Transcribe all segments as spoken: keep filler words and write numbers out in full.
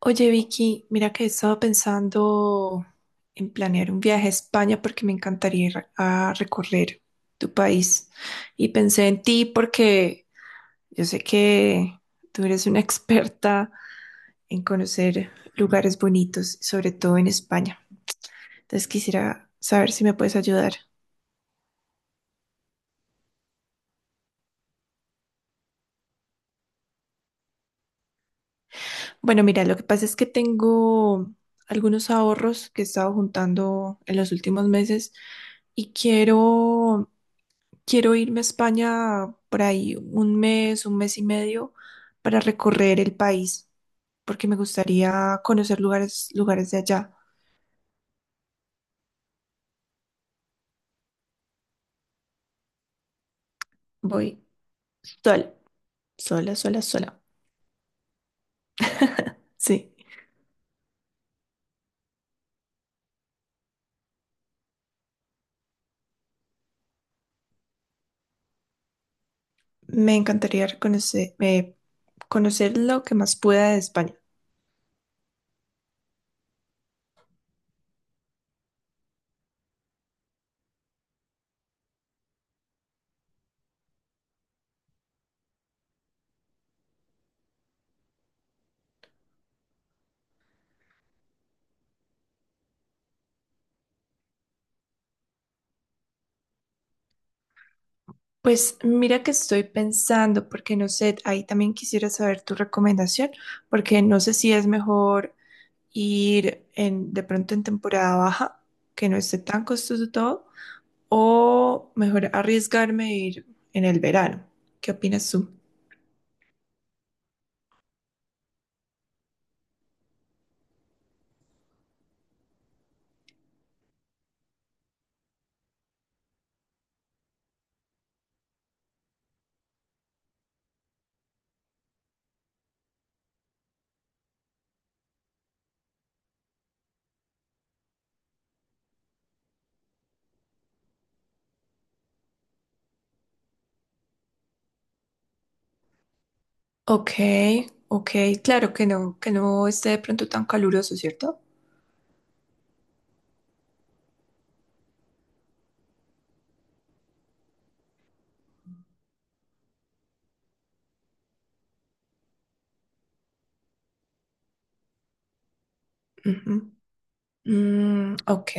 Oye, Vicky, mira que he estado pensando en planear un viaje a España porque me encantaría ir a recorrer tu país. Y pensé en ti porque yo sé que tú eres una experta en conocer lugares bonitos, sobre todo en España. Entonces quisiera saber si me puedes ayudar. Bueno, mira, lo que pasa es que tengo algunos ahorros que he estado juntando en los últimos meses y quiero, quiero irme a España por ahí un mes, un mes y medio para recorrer el país, porque me gustaría conocer lugares, lugares de allá. Voy sola, sola, sola, sola. Sí, me encantaría conocer, eh, conocer lo que más pueda de España. Pues mira que estoy pensando, porque no sé, ahí también quisiera saber tu recomendación, porque no sé si es mejor ir en, de pronto en temporada baja, que no esté tan costoso todo, o mejor arriesgarme a ir en el verano. ¿Qué opinas tú? Ok, ok, claro que no, que no esté de pronto tan caluroso, ¿cierto? Ujú. Mm, ok.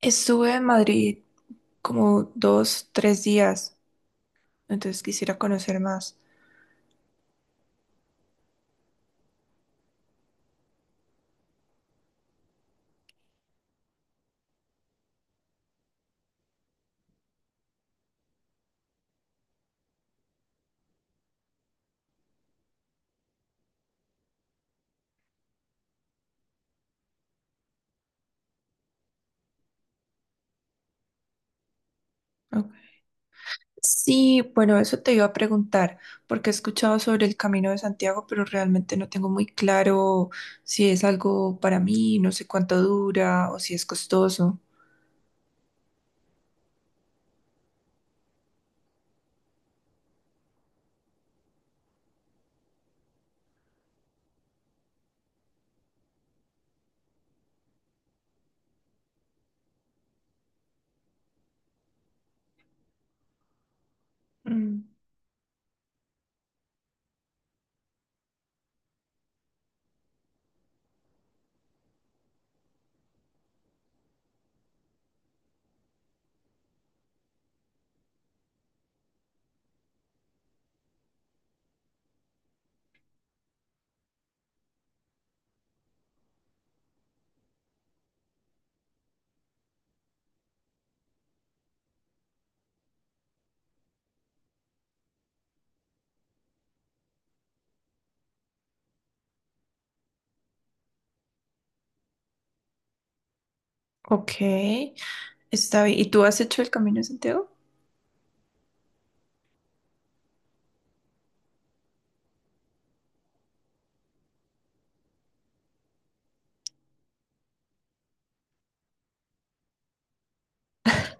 Estuve en Madrid como dos, tres días, entonces quisiera conocer más. Ok. Sí, bueno, eso te iba a preguntar, porque he escuchado sobre el Camino de Santiago, pero realmente no tengo muy claro si es algo para mí, no sé cuánto dura o si es costoso. Mm, ok. Está bien. ¿Y tú has hecho el Camino de Santiago?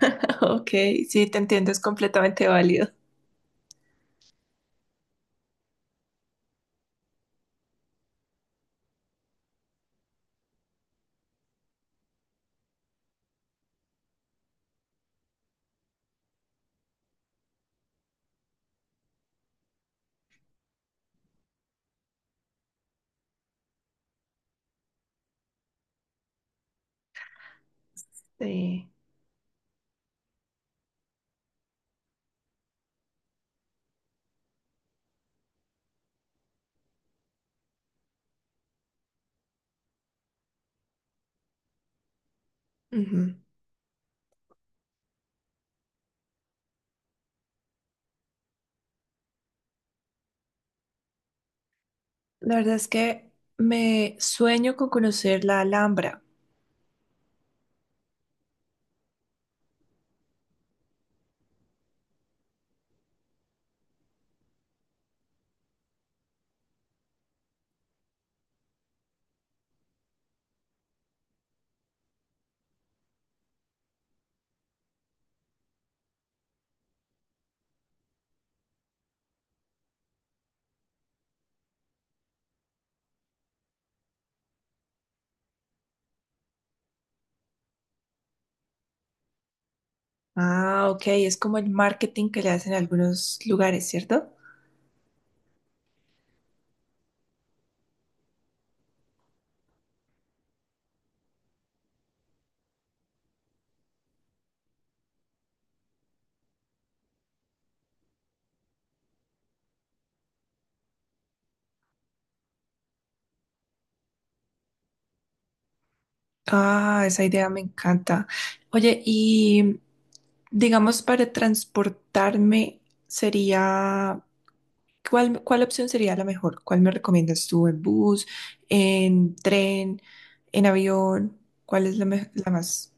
Ok, sí, te entiendo, es completamente válido. Sí. Ujú. La verdad es que me sueño con conocer la Alhambra. Ah, ok, es como el marketing que le hacen en algunos lugares, ¿cierto? Ah, esa idea me encanta. Oye, y digamos para transportarme sería, ¿cuál, cuál opción sería la mejor? ¿Cuál me recomiendas tú? ¿En bus, en tren, en avión? ¿Cuál es la, me- la más?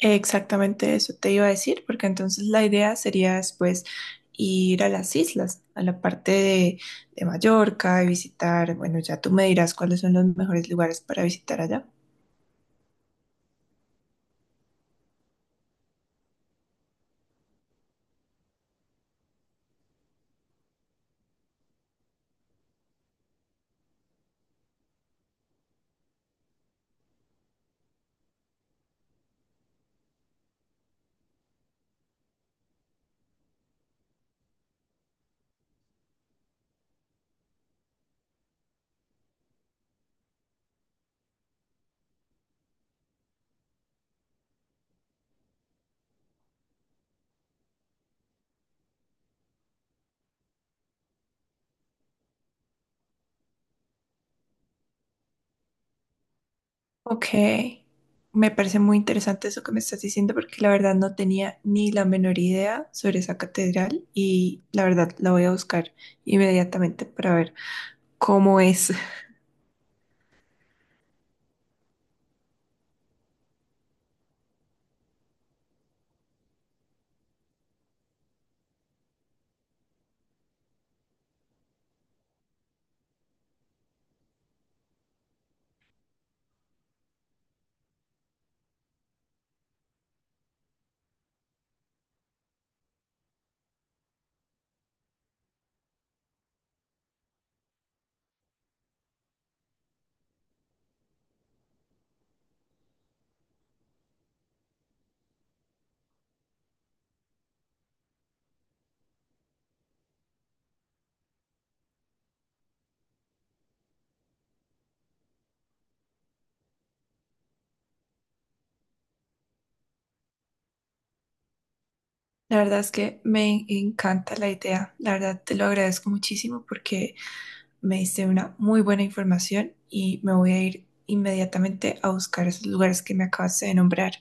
Exactamente eso te iba a decir, porque entonces la idea sería después ir a las islas, a la parte de, de Mallorca y visitar, bueno, ya tú me dirás cuáles son los mejores lugares para visitar allá. Ok, me parece muy interesante eso que me estás diciendo porque la verdad no tenía ni la menor idea sobre esa catedral y la verdad la voy a buscar inmediatamente para ver cómo es. La verdad es que me encanta la idea, la verdad te lo agradezco muchísimo porque... Me diste una muy buena información y me voy a ir inmediatamente a buscar esos lugares que me acabaste de nombrar.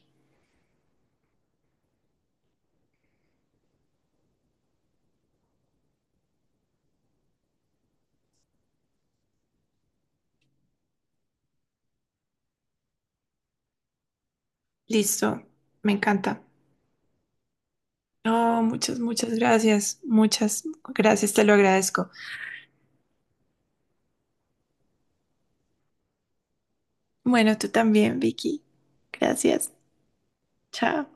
Listo, me encanta. Oh, muchas, muchas gracias. Muchas gracias, te lo agradezco. Bueno, tú también, Vicky. Gracias. Chao.